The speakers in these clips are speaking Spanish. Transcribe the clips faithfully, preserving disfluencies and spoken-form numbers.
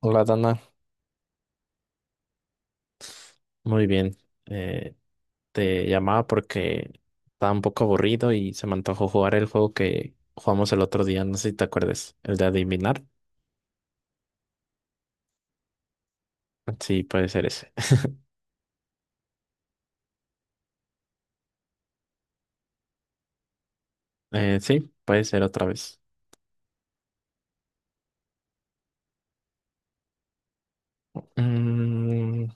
Hola, Dana. Muy bien. Eh, Te llamaba porque estaba un poco aburrido y se me antojó jugar el juego que jugamos el otro día. No sé si te acuerdes. El de adivinar. Sí, puede ser ese. Eh, sí, puede ser otra vez. Mm,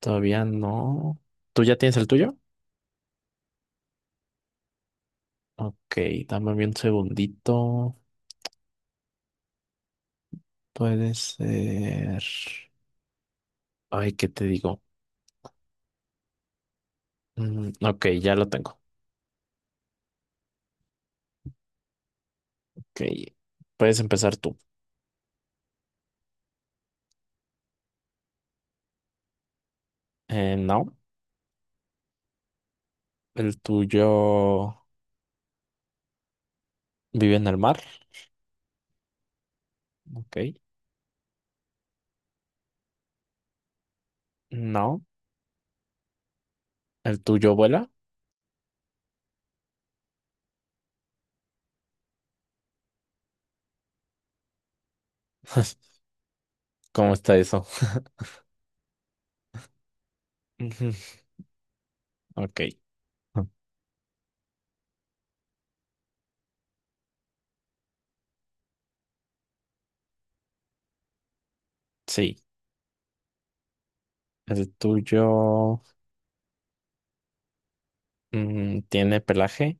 Todavía no. ¿Tú ya tienes el tuyo? Ok, dame un segundito. Puede ser. Ay, ¿qué te digo? Mm, ok, ya lo tengo. Ok, puedes empezar tú. Eh, no, el tuyo. ¿Vive en el mar? Ok. No. ¿El tuyo vuela? ¿Cómo está eso? Ujú. Ok. Ah. Sí. ¿El tuyo mm, tiene pelaje?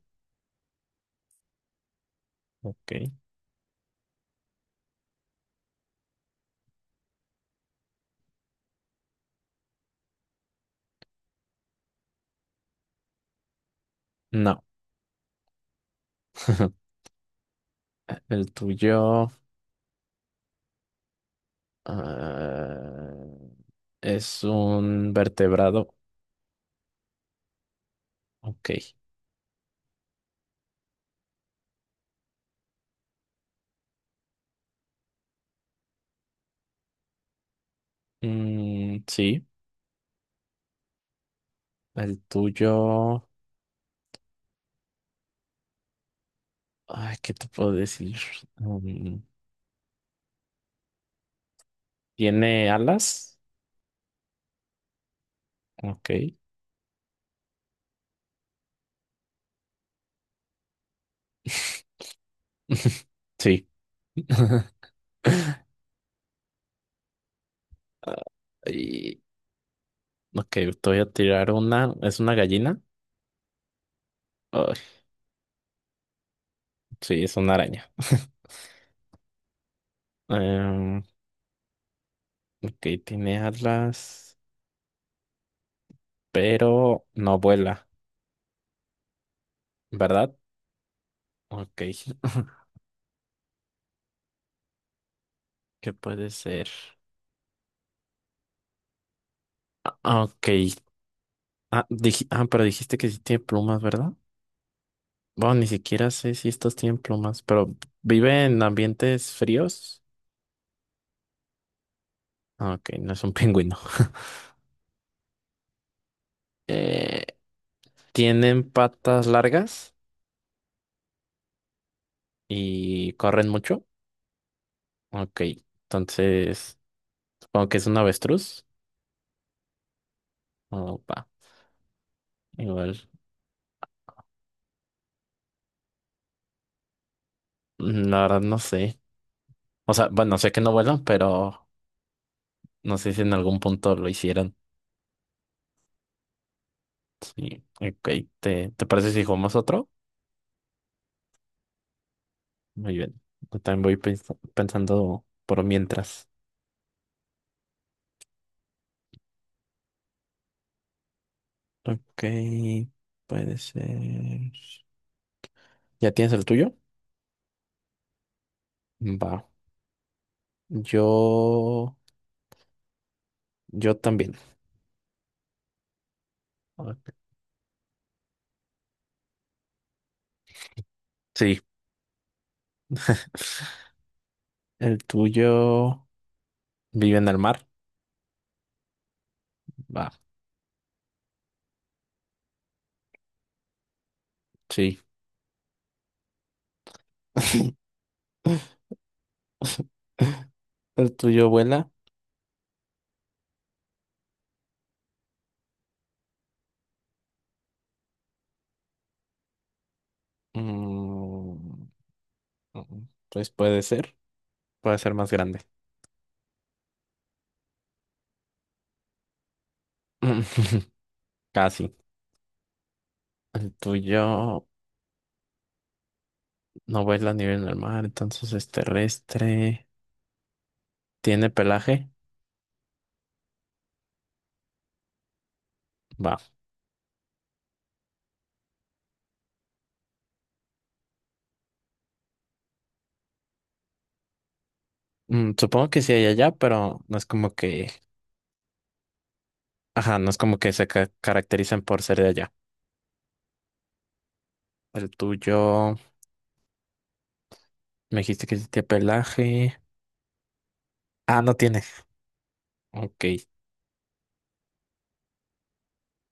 Ok. No. ¿El tuyo ah, es un vertebrado? Ok. Mm, sí. ¿El tuyo... Ay, ¿qué te puedo decir? Mm, ¿tiene alas? Ok. Sí. Y, ok, te voy a tirar una. ¿Es una gallina? Ay, sí, es una araña. Em, ok, tiene alas, pero no vuela, ¿verdad? Ok. ¿Qué puede ser? Ok, ah, dij- ah, pero dijiste que sí tiene plumas, ¿verdad? Bueno, ni siquiera sé si estos tienen plumas, pero ¿vive en ambientes fríos? Ah, ok, no es un pingüino. Eh, ¿Tienen patas largas y corren mucho? Ok, entonces supongo que es un avestruz. Opa, igual, mm, la verdad no sé. O sea, bueno, sé que no vuelan, pero no sé si en algún punto lo hicieron. Sí, ok, ¿te, te parece si jugamos otro? Muy bien, yo también voy pens- pensando por mientras. Ok, puede ser. ¿Ya tienes el tuyo? Va, yo, yo también. Ok. Sí, el tuyo vive en el mar. Va, sí. El tuyo vuela. Mm, mm, pues puede ser. Puede ser más grande. Casi. El tuyo no vuela a nivel normal, entonces es terrestre. ¿Tiene pelaje? Va. Mm, supongo que sí hay allá, pero no es como que. Ajá, no es como que se ca- caracterizan por ser de allá. El tuyo. Me dijiste que sí tiene pelaje. Ah, no tiene. Ok.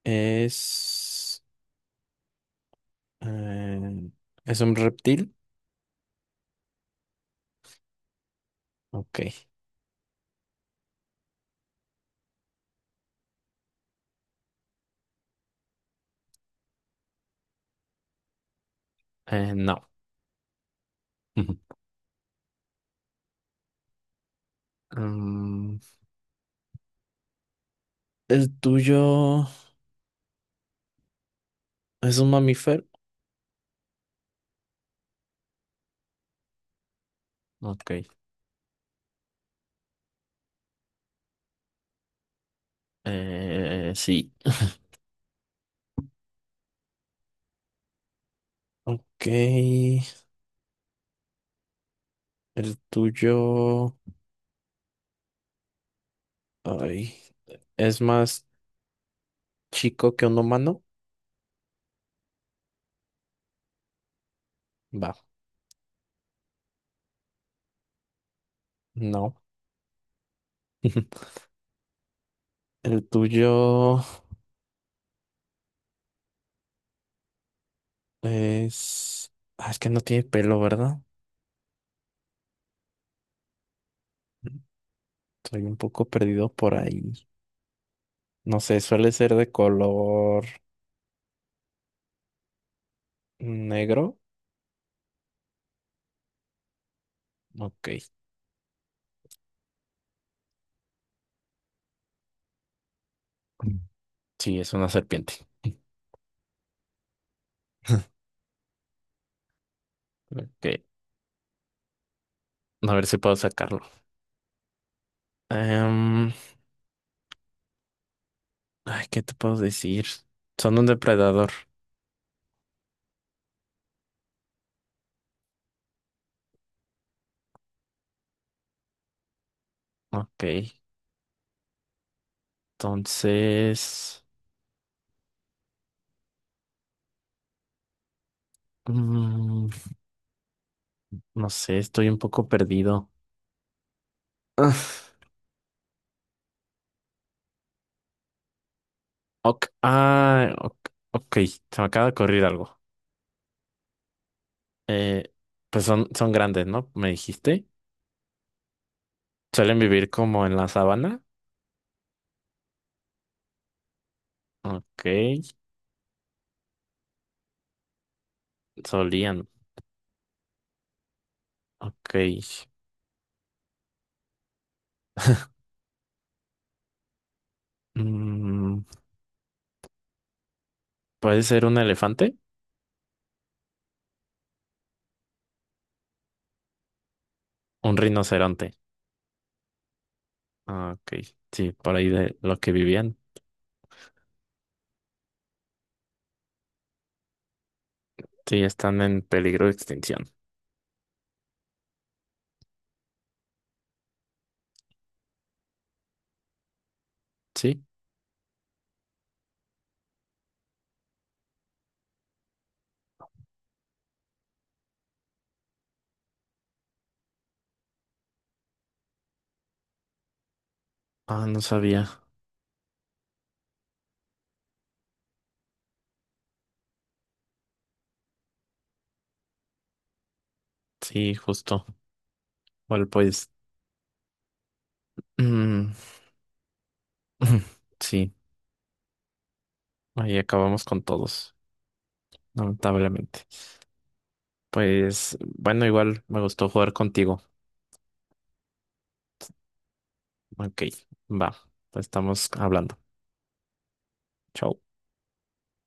Es. eh, ¿Es un reptil? Ok. Eh, no. Ujú. Mm, ¿el tuyo es un mamífero? Ok. Eh, sí. Ok. ¿El tuyo, ay, es más chico que un humano? Va, no. ¿El tuyo es... ah, es que no tiene pelo, ¿verdad? Estoy un poco perdido por ahí. No sé, suele ser de color negro. Ok. Mm. Sí, es una serpiente. Ok. A ver si puedo sacarlo. Em, ay, ¿qué te puedo decir? Son un depredador. Ok, entonces... mm, no sé, estoy un poco perdido. Ah, ok, ah, ok, ok, se me acaba de ocurrir algo. Eh, pues son, son grandes, ¿no? Me dijiste. Suelen vivir como en la sabana. Ok, solían. Ok. Mm, ¿puede ser un elefante? Un rinoceronte. Ah, ok, sí, por ahí de lo que vivían. Sí, están en peligro de extinción. Sí. Ah, no sabía. Sí, justo. Bueno, pues. Mm. Sí, ahí acabamos con todos, lamentablemente. Pues, bueno, igual me gustó jugar contigo. Ok, va. Pues estamos hablando. Chao.